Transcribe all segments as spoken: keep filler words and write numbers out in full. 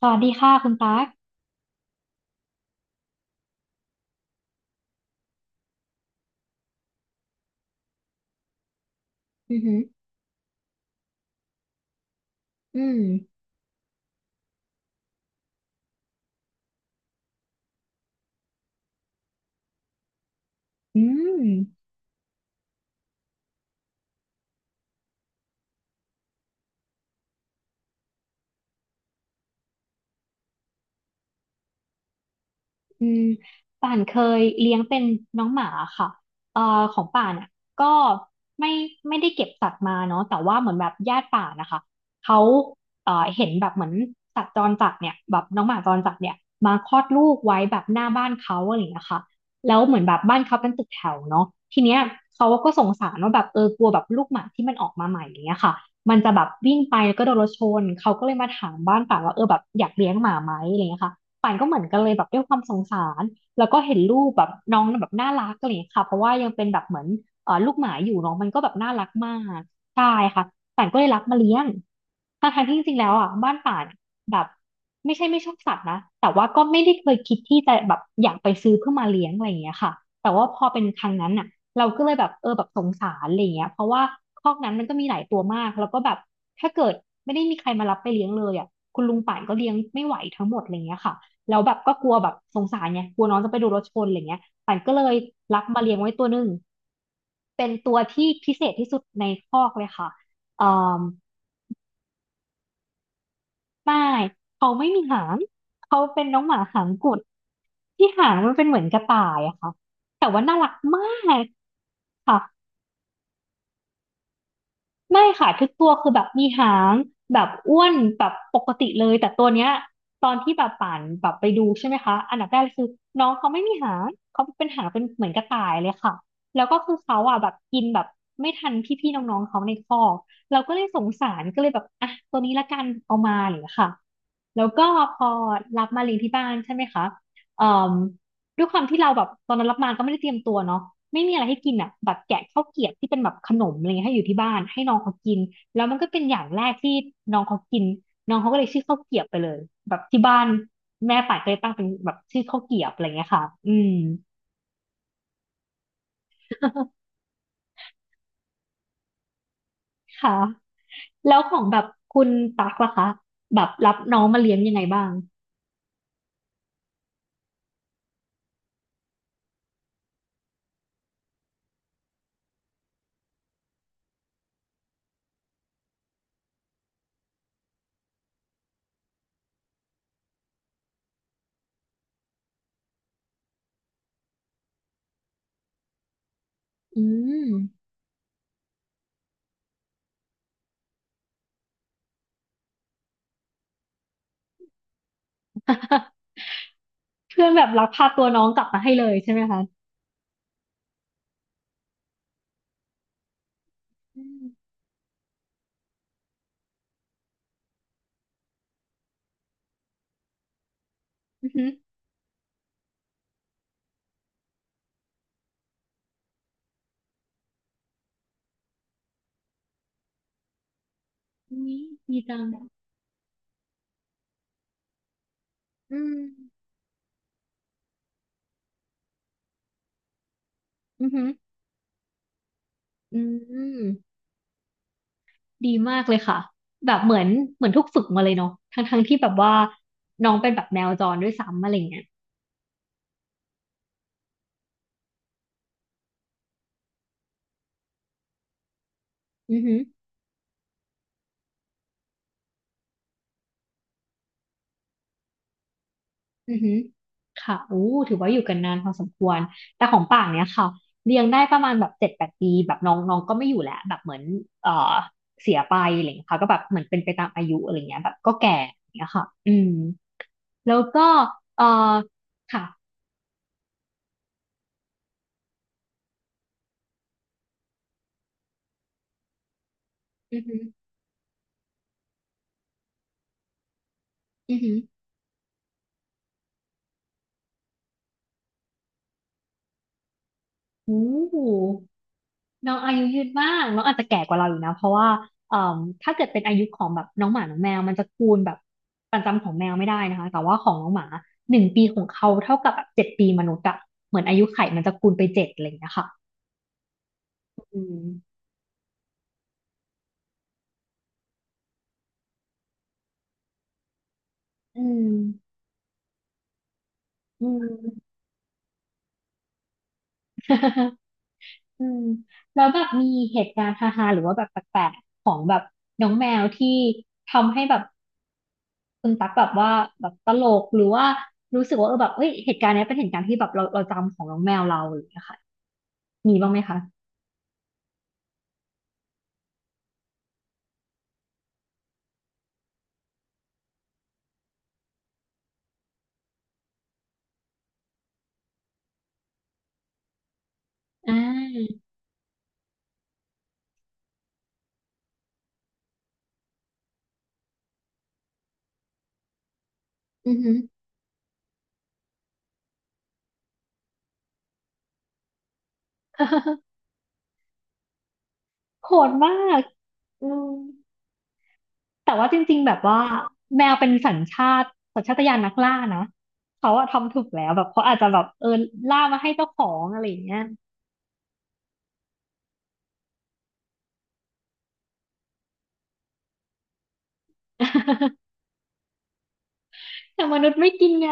สวัสดีค่ะคุณตั๊กอือหืออืมอืม อืมป่านเคยเลี้ยงเป็นน้องหมาค่ะเอ่อของป่านอ่ะก็ไม่ไม่ได้เก็บสัตว์มาเนาะแต่ว่าเหมือนแบบญาติป่านนะคะเขาเอ่อเห็นแบบเหมือนสัตว์จรจัดเนี่ยแบบน้องหมาจรจัดเนี่ยมาคลอดลูกไว้แบบหน้าบ้านเขาอะไรอย่างเงี้ยค่ะแล้วเหมือนแบบบ้านเขาเป็นตึกแถวเนาะทีเนี้ยเขาก็สงสารว่าแบบเออกลัวแบบลูกหมาที่มันออกมาใหม่อย่างเงี้ยค่ะมันจะแบบวิ่งไปแล้วก็โดนรถชนเขาก็เลยมาถามบ้านป่านว่าเออแบบอยากเลี้ยงหมาไหมอะไรอย่างเงี้ยค่ะ ป่านก็เหมือนกันเลยแบบด้วยความสงสารแล้วก็เห็นลูกแบบน้องแบบน่ารักอะไรอย่างเงี้ยค่ะเพราะว่ายังเป็นแบบเหมือนเอ่อลูกหมาอยู่เน้องมันก็แบบน่ารักมากใช่ค่ะป่านก็เลยรับมาเลี้ยงทั้งทที่จริงๆแล้วอ่ะบ้านป่านแบบไม่ใช่ไม่ชอบสัตว์นะแต่ว่าก็ไม่ได้เคยคิดที่จะแบบอยากไปซื้อเพื่อมาเลี้ยงอะไรอย่างเงี้ยค่ะแต่ว่าพอเป็นครั้งนั้นอ่ะเราก็เลยแบบเออแบบสงสารอะไรอย่างเงี้ยเพราะว่าคอกนั้นมันก็มีหลายตัวมากแล้วก็แบบถ้าเกิดไม่ได้มีใครมารับไปเลี้ยงเลยอ่ะคุณลุงป่านก็เลี้ยงไม่ไหวทั้งหมดอะไรเงี้ยค่ะ แล้วแบบก็กลัวแบบสงสารไงกลัวน้องจะไปโดนรถชนอะไรเงี้ยปันก็เลยรับมาเลี้ยงไว้ตัวหนึ่งเป็นตัวที่พิเศษที่สุดในคอกเลยค่ะเอ่อไม่เขาไม่มีหางเขาเป็นน้องหมาหางกุดที่หางมันเป็นเหมือนกระต่ายอะค่ะแต่ว่าน่ารักมากค่ะ ไม่ค่ะทุกตัวคือแบบมีหางแบบอ้วนแบบปกติเลยแต่ตัวเนี้ยตอนที่แบบป่านแบบไปดูใช่ไหมคะอันดับแรกเลยคือน้องเขาไม่มีหางเขาเป็นหางเป็นเหมือนกระต่ายเลยค่ะแล้วก็คือเขาอ่ะแบบกินแบบไม่ทันพี่ๆน้องๆเขาในคอกเราก็เลยสงสารก็เลยแบบอ่ะตัวนี้ละกันเอามาอะไรอย่างเลยค่ะแล้วก็พอรับมาเลี้ยงที่บ้านใช่ไหมคะเอ่อ ด้วยความที่เราแบบตอนนั้นรับมาก็ไม่ได้เตรียมตัวเนาะไม่มีอะไรให้กินอ่ะแบบแกะข้าวเกรียบที่เป็นแบบขนมอะไรเงี้ยให้อยู่ที่บ้านให้น้องเขากินแล้วมันก็เป็นอย่างแรกที่น้องเขากินน้องเขาก็เลยชื่อข้าวเกรียบไปเลยแบบที่บ้านแม่ป่านก็เลยตั้งเป็นแบบชื่อข้าวเกรียบอะไรเงี้ยค่ะอืม ค่ะแล้วของแบบคุณตักล่ะคะแบบรับน้องมาเลี้ยงยังไงบ้างอืม เพื่อนแบบรักพาตัวน้องกลับมาให้เลยใช่ไหมคะอืมอือหืออีดีจัง อืมอือหืออืมดีมากเลยค่ะแบบเหมือนเหมือนถูกฝึกมาเลยเนาะทั้งทั้งที่แบบว่าน้องเป็นแบบแมวจรด้วยซ้ำอะไรเงี้ยอือหืออือหือค่ะโอ้ถือว่าอยู่กันนานพอสมควร แต่ของป่างเนี้ยค่ะเลี้ยงได้ประมาณแบบเจ็ดแปดปีแบบน้องน้องก็ไม่อยู่แล้วแบบเหมือนเอ่อเสียไปอะไรเงี้ยค่ะก็แบบเหมือนเป็นไปตามอายุอะไรเงี้ยแบบก็แก่อย่างเงี้ยค่ะอืมแล้วก็เอ่อค่ะอือหืออือหือโอ้ น้องอายุยืนมากน้องอาจจะแก่กว่าเราอยู่นะเพราะว่าเอ่อถ้าเกิดเป็นอายุของแบบน้องหมาน้องแมวมันจะคูณแบบประจำของแมวไม่ได้นะคะ แต่ว่าของน้องหมาหนึ่งปีของเขาเท่ากับแบบเจ็ดปีมนุษย์อะเหมือนอายุไขมันจะคูณไปเจ็ดอะไรอย่างเงี้ยค่ะอืมอืมอืม อืมแล้วแบบมีเหตุการณ์ฮาๆหรือว่าแบบแปลกๆของแบบน้องแมวที่ทำให้แบบคุณตั๊กแบบว่าแบบตลกหรือว่ารู้สึกว่าเออแบบเอ้ยเหตุการณ์เนี้ยเป็นเหตุการณ์ที่แบบเราเราจำของน้องแมวเราอะไรอย่างเงี้ยค่ะ มีบ้างไหมคะอ่าอือหือ โหดมากอืมแต่ว่าจริงๆแบบว่าแมวเป็นสัญชาติสัญชาตญาณนักล่านะเขาอะทำถูกแล้วแบบเขาอาจจะแบบเออล่ามาให้เจ้าของอะไรอย่างเงี้ย แต่มนุษย์ไม่กินไง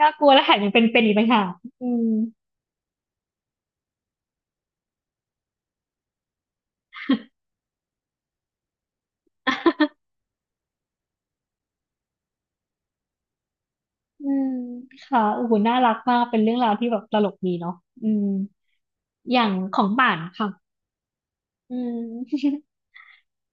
น่ากลัวและแถมยังเป็นเป็นอีกต่างหากอืม อืมค่ะโอ้โหน่ารักมากเป็นเรื่องราวที่แบบตลกดีเนาะอืมอย่างของป่านค่ะอืม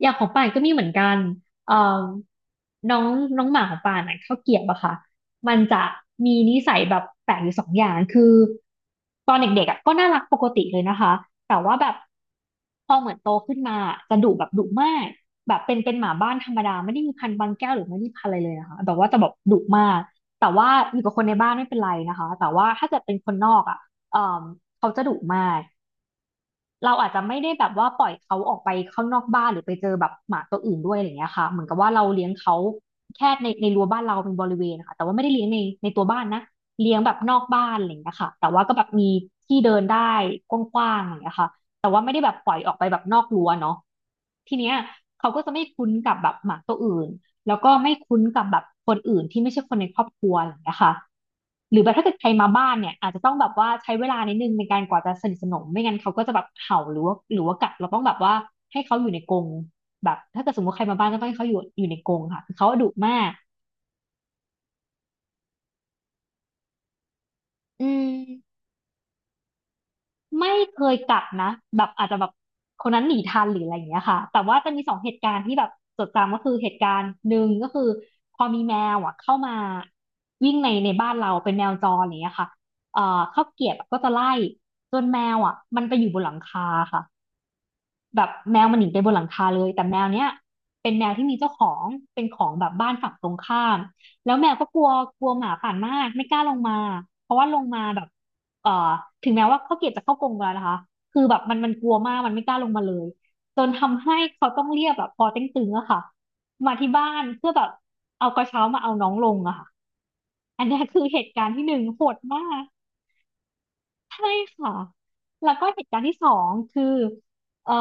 อย่างของป่านก็มีเหมือนกันเอ่อน้องน้องหมาของป่านอ่ะข้าวเกรียบอะค่ะมันจะมีนิสัยแบบแปลกอยู่สองอย่างคือตอนเด็กๆอะก็น่ารักปกติเลยนะคะ แต่ว่าแบบพอเหมือนโตขึ้นมาจะดุแบบดุมากแบบเป็นเป็นหมาบ้านธรรมดาไม่ได้มีพันธุ์บางแก้วหรือไม่ได้พันธุ์อะไรเลยนะคะแบบว่าจะแบบดุมาก แต่ว่าอยู่กับคนในบ้านไม่เป็นไรนะคะ แต่ว่าถ้าเกิดเป็นคนนอกอ่ะเอ่อเขาจะดุมาก เราอาจจะไม่ได้แบบว่าปล่อยเขาออกไปข้างนอกบ้านหรือไปเจอแบบหมาตัวอื่นด้วยอะไรเงี้ยค่ะเหมือนกับว่าเราเลี้ยงเขาแค่ในในรั้วบ้านเราเป็นบริเวณนะคะแต่ว่าไม่ได้เลี้ยงในในตัวบ้านนะเลี้ยงแบบนอกบ้านอะไรเงี้ยค่ะแต่ว่าก็แบบมีที่เดินได้กว้างๆอะไรเงี้ยค่ะแต่ว่าไม่ได้แบบปล่อยออกไปแบบนอกรั้วเนาะทีเนี้ยเขาก็จะไม่คุ้นกับแบบหมาตัวอื่น แล้วก็ไม่คุ้นกับแบบคนอื่นที่ไม่ใช่คนในครอบครัวอะไรอย่างเงี้ยค่ะหรือแบบถ้าเกิดใครมาบ้านเนี่ยอาจจะต้องแบบว่าใช้เวลานิดนึงในการกว่าจะสนิทสนมไม่งั้นเขาก็จะแบบเห่าหรือว่าหรือว่ากัดเราต้องแบบว่าให้เขาอยู่ในกรงแบบถ้าเกิดสมมติใครมาบ้านก็ต้องให้เขาอยู่อยู่ในกรงค่ะคือเขาดุมากอืม ไม่เคยกัดนะแบบอาจจะแบบคนนั้นหนีทันหรืออะไรอย่างเงี้ยค่ะแต่ว่าจะมีสองเหตุการณ์ที่แบบจดจำก็คือเหตุการณ์หนึ่งก็คือพอมีแมวอ่ะเข้ามาวิ่งในในบ้านเราเป็นแมวจรอย่างเงี้ยค่ะเอ่อข้าวเกรียบก็จะไล่จนแมวอ่ะมันไปอยู่บนหลังคาค่ะ แบบแมวมันหนีไปบนหลังคาเลยแต่แมวเนี้ยเป็นแมวที่มีเจ้าของเป็นของแบบบ้านฝั่งตรงข้ามแล้วแมวก็กลัวกลัวหมาป่านมากไม่กล้าลงมาเพราะว่าลงมาแบบเอ่อถึงแม้ว่าเขาเกลียดจะเข้ากรงแล้วนะคะคือแบบมันมันกลัวมากมันไม่กล้าลงมาเลยจนทำให้เขาต้องเรียกแบบพอเต็งตึงอะค่ะมาที่บ้านเพื่อแบบเอากระเช้ามาเอาน้องลงอะค่ะอันเนี้ยคือเหตุการณ์ที่หนึ่งโหดมาก ใช่ค่ะแล้วก็เหตุการณ์ที่สองคือเอ่อ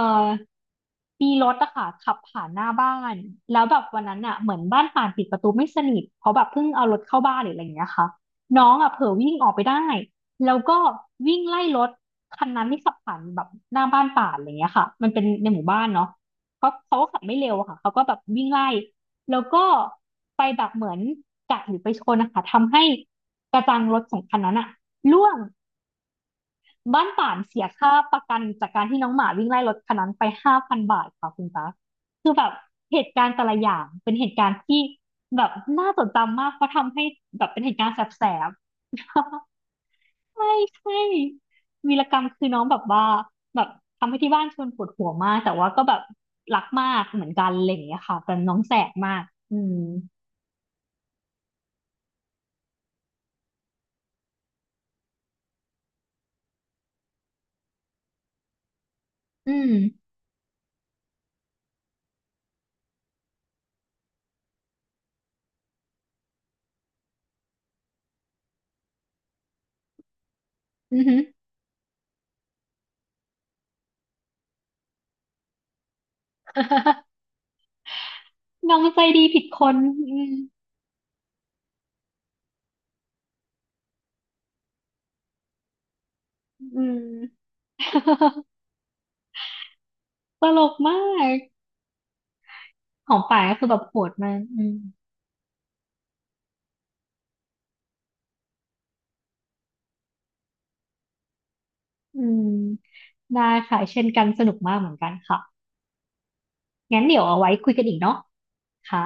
มีรถอะค่ะขับผ่านหน้าบ้านแล้วแบบวันนั้นอะเหมือนบ้านป่านปิดประตูไม่สนิทเพราะแบบเพิ่งเอารถเข้าบ้านหรืออะไรอย่างเงี้ยค่ะน้องอะเผลอวิ่งออกไปได้แล้วก็วิ่งไล่รถคันนั้นที่ขับผ่านแบบหน้าบ้านป่านอะไรอย่างเงี้ยค่ะมันเป็นในหมู่บ้านเนาะเขาเขาก็ขับไม่เร็วอะค่ะเขาก็แบบวิ่งไล่แล้วก็ไปแบบเหมือนกัดหรือไปชนนะคะทำให้กระจังรถของคันนั้นอะร่วง บ้านป่านเสียค่าประกันจากการที่น้องหมาวิ่งไล่รถคันนั้นไปห้าพันบาทค่ะคุณตาคือแบบเหตุการณ์แต่ละอย่างเป็นเหตุการณ์ที่แบบน่าจดจำมากเพราะทำให้แบบเป็นเหตุการณ์แสบๆ ใช่ใช่วีรกรรมคือน้องแบบว่าแบบทำให้ที่บ้านชวนปวดหัวมากแต่ว่าก็แบบรักมากเหมือนกันอะไรอย่างเงี้ยค่ะแต่น้องแสบมากอืมอืมอือหือ น้องใจดีผิดคนอืมอืม ตลกมาก ของป่ายก็คือแบบโหดมากอืมอืมได้ค่ะเช่นกันสนุกมากเหมือนกันค่ะ งั้นเดี๋ยวเอาไว้คุยกันอีกเนาะค่ะ